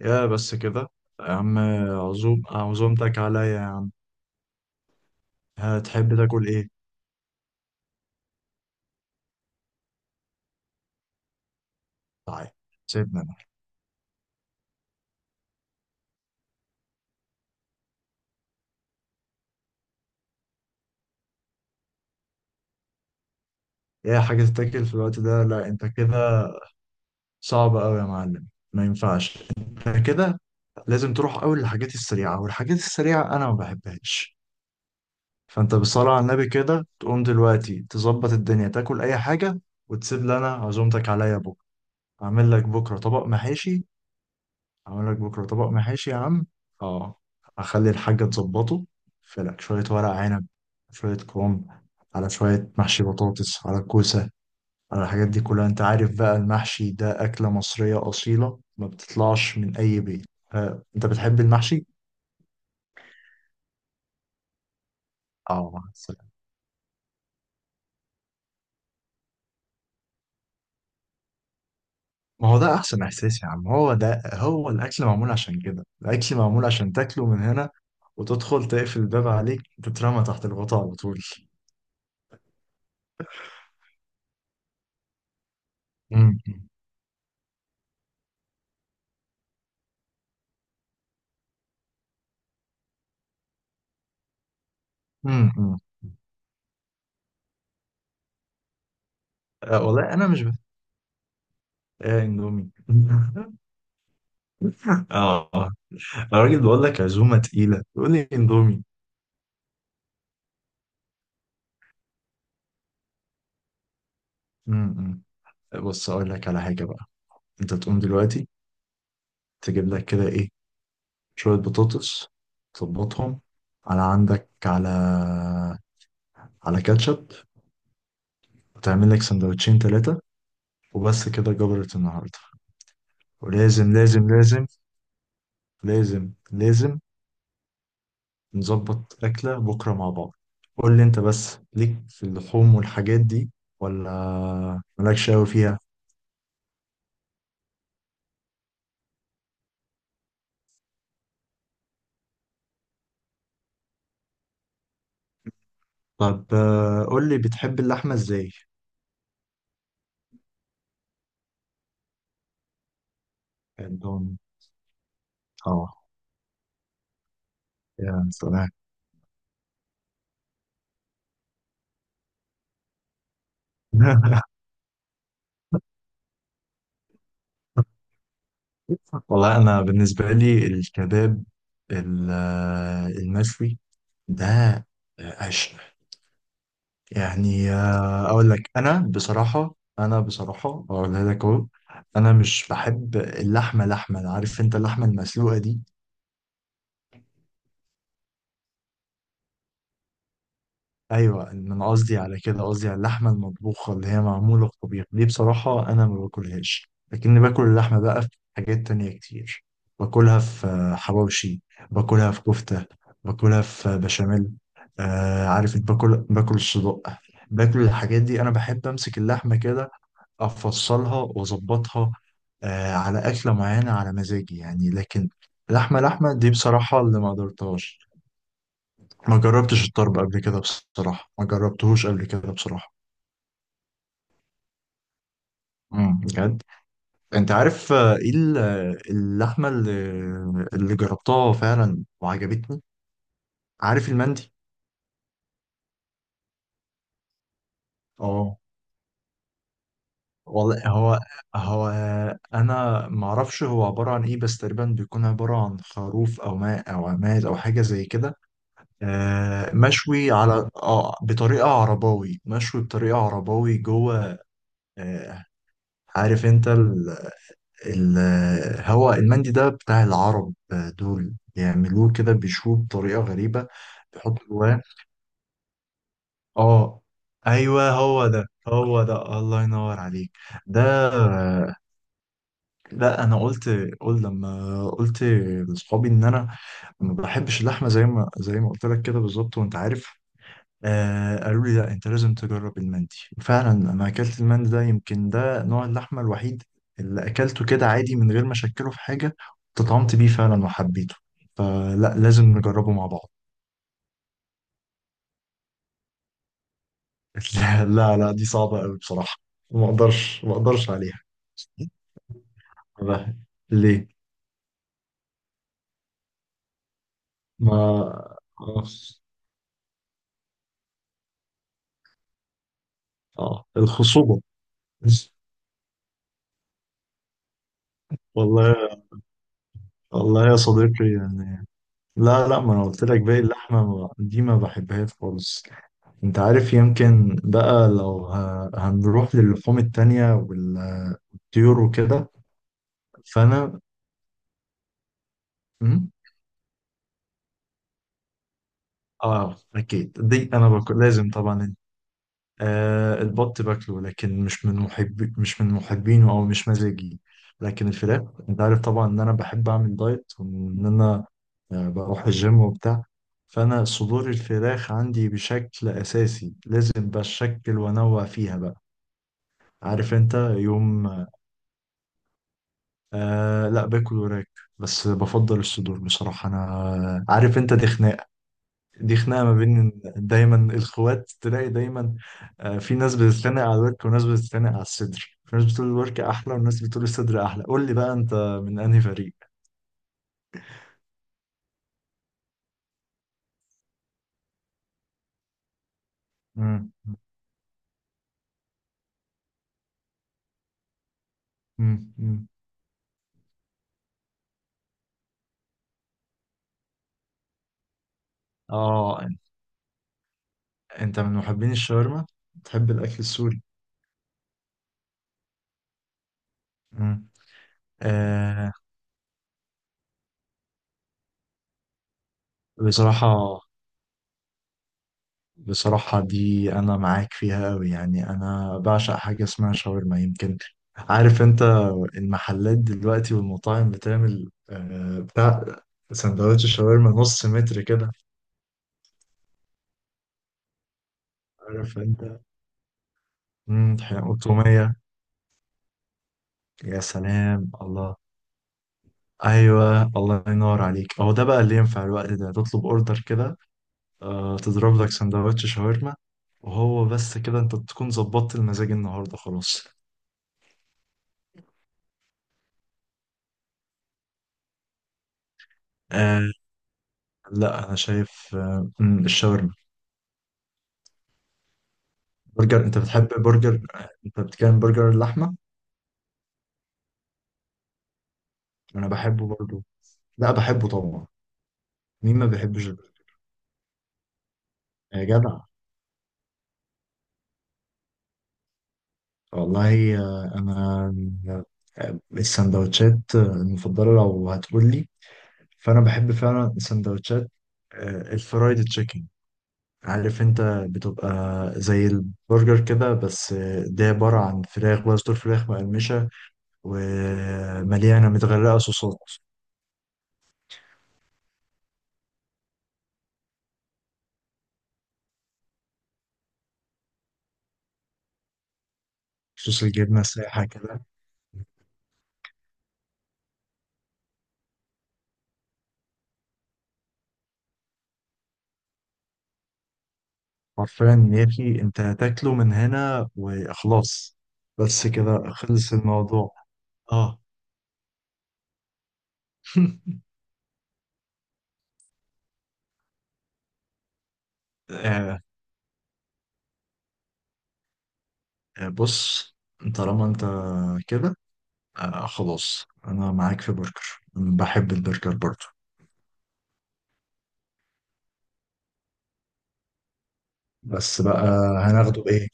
يا بس كده يا عم. عزومتك عليا يا عم. هتحب تاكل ايه؟ تعال سيبنا انا. ايه حاجة تتاكل في الوقت ده؟ لا انت كده صعب قوي يا معلم، ما ينفعش انت كده. لازم تروح اول للحاجات السريعة، والحاجات السريعة انا ما بحبهاش. فانت بالصلاة على النبي كده تقوم دلوقتي تظبط الدنيا، تاكل اي حاجة وتسيب لنا عزومتك عليا بكرة. اعمل لك بكرة طبق محاشي، اعمل لك بكره طبق محاشي يا عم. اه، اخلي الحاجه تظبطه. في لك شويه ورق عنب، شويه كرنب، على شويه محشي بطاطس على كوسه، على الحاجات دي كلها. انت عارف بقى المحشي ده اكله مصريه اصيله ما بتطلعش من اي بيت. آه. انت بتحب المحشي؟ اه سلام. ما هو ده احسن احساس يا عم. هو ده الاكل معمول عشان كده. الاكل معمول عشان تاكله من هنا، وتدخل تقفل الباب عليك، تترمى تحت الغطاء على طول. امم امم آه والله انا مش بحب اندومي. اه. آه. انا راجل بقول لك عزومه تقيله، يقول لي اندومي. م- م. بص اقول لك على حاجه بقى. انت تقوم دلوقتي تجيب لك كده ايه، شويه بطاطس تظبطهم على عندك، على كاتشب، وتعمل لك سندوتشين ثلاثه، وبس كده جبرت النهارده. ولازم لازم لازم، لازم لازم نظبط أكلة بكرة مع بعض. قول لي أنت بس، ليك في اللحوم والحاجات دي، ولا مالكش أوي فيها؟ طب، قول لي بتحب اللحمة إزاي. عندهم. آه يا سلام. والله أنا بالنسبة لي الكباب، المشوي ده عشق. يعني، اقول لك انا بصراحه، اقولها لك اهو. انا مش بحب اللحمه، عارف انت، اللحمه المسلوقه دي. ايوه، إن انا قصدي على كده، قصدي على اللحمه المطبوخه اللي هي معموله في طبيخ دي. بصراحه انا ما باكلهاش، لكني باكل اللحمه بقى في حاجات تانية كتير. باكلها في حواوشي، باكلها في كفته، باكلها في بشاميل. آه عارف إنت، باكل الصدق. باكل الحاجات دي انا بحب امسك اللحمه كده، افصلها واظبطها آه، على اكله معينه على مزاجي يعني. لكن لحمه لحمه دي بصراحه اللي ما قدرتهاش. ما جربتش الطرب قبل كده بصراحة، ما جربتهوش قبل كده بصراحة. بجد. انت عارف، ايه اللحمة اللي جربتها فعلا وعجبتني. عارف المندي؟ اه والله، هو انا ما اعرفش هو عبارة عن ايه، بس تقريبا بيكون عبارة عن خروف او ماء او عماد او حاجة زي كده. مشوي على بطريقة عرباوي، جوه. آه، عارف انت، هو المندي ده بتاع العرب. دول بيعملوه كده، بيشوه بطريقة غريبة، بيحطوا جواه. اه ايوه، هو ده هو ده، الله ينور عليك. ده، لا انا قلت، لما قلت لاصحابي ان انا ما بحبش اللحمه زي ما قلت لك كده بالظبط. وانت عارف، قالوا لي لا انت لازم تجرب المندي. وفعلا انا اكلت المندي ده، يمكن ده نوع اللحمه الوحيد اللي اكلته كده عادي من غير ما اشكله في حاجه. تطعمت بيه فعلا وحبيته، فلا لازم نجربه مع بعض. لا لا لا، دي صعبه قوي بصراحه، ما اقدرش، ما اقدرش عليها. لا. ليه؟ ما اه الخصوبه. والله، والله يا صديقي يعني. لا لا، ما انا قلت لك باقي اللحمه، دي ما بحبهاش خالص. انت عارف، يمكن بقى لو هنروح للحوم التانية والطيور وكده، فانا. مم؟ اه اكيد دي انا باكل لازم طبعا. آه البط باكله، لكن مش من محبينه، او مش مزاجي. لكن الفراخ انت عارف طبعا ان انا بحب اعمل دايت، وان انا بروح الجيم وبتاع. فانا صدور الفراخ عندي بشكل اساسي لازم، بشكل وانوع فيها بقى. عارف انت يوم. لا باكل وراك، بس بفضل الصدور بصراحة. أنا عارف أنت دي خناقة، دي خناقة ما بين دايما الأخوات تلاقي دايما. آه، في ناس بتتخانق على الورك، وناس بتتخانق على الصدر. في ناس بتقول الورك أحلى، وناس بتقول الصدر أحلى. قول لي بقى أنت من أنهي فريق؟ مم. مم. مم. آه، أنت من محبين الشاورما؟ بتحب الأكل السوري؟ مم. آه. بصراحة بصراحة دي أنا معاك فيها أوي يعني. أنا بعشق حاجة اسمها شاورما. يمكن عارف أنت، المحلات دلوقتي والمطاعم بتعمل آه، بتاع سندوتش الشاورما نص متر كده. عارف أنت، مم، وتومية. يا سلام الله. أيوه الله ينور عليك، هو ده بقى اللي ينفع الوقت ده، تطلب أوردر كده. تضرب لك سندوتش شاورما، وهو بس كده أنت تكون ظبطت المزاج النهاردة خلاص. آه لا، أنا شايف الشاورما. برجر؟ انت بتحب برجر؟ انت بتكلم برجر اللحمه؟ انا بحبه برضو، لا بحبه طبعا. مين ما بيحبش البرجر؟ يا جدع. والله انا، السندوتشات المفضله لو هتقول لي، فانا بحب فعلا السندوتشات، الفرايد تشيكن. عارف انت، بتبقى زي البرجر كده، بس ده عباره عن فراخ بقى، صدور فراخ مقرمشه ومليانه متغرقه صوصات. صوص الجبنه سايحه كده، حرفيا يا اخي انت هتاكله من هنا وخلاص، بس كده خلص الموضوع. اه. آه، بص، طالما انت كده، خلاص انا معاك في برجر، بحب البرجر برضو. بس بقى هناخده بايه؟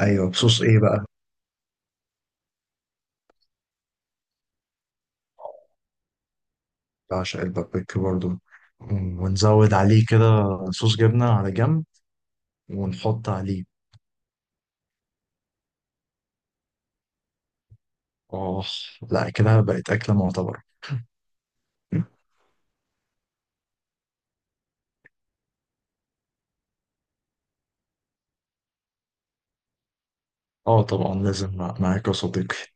ايوه، بصوص ايه بقى؟ بعشق البابريكا برضو، ونزود عليه كده صوص جبنة على جنب، ونحط عليه. اه لا، كده بقت أكلة معتبرة. اه طبعا لازم معاك يا صديقي.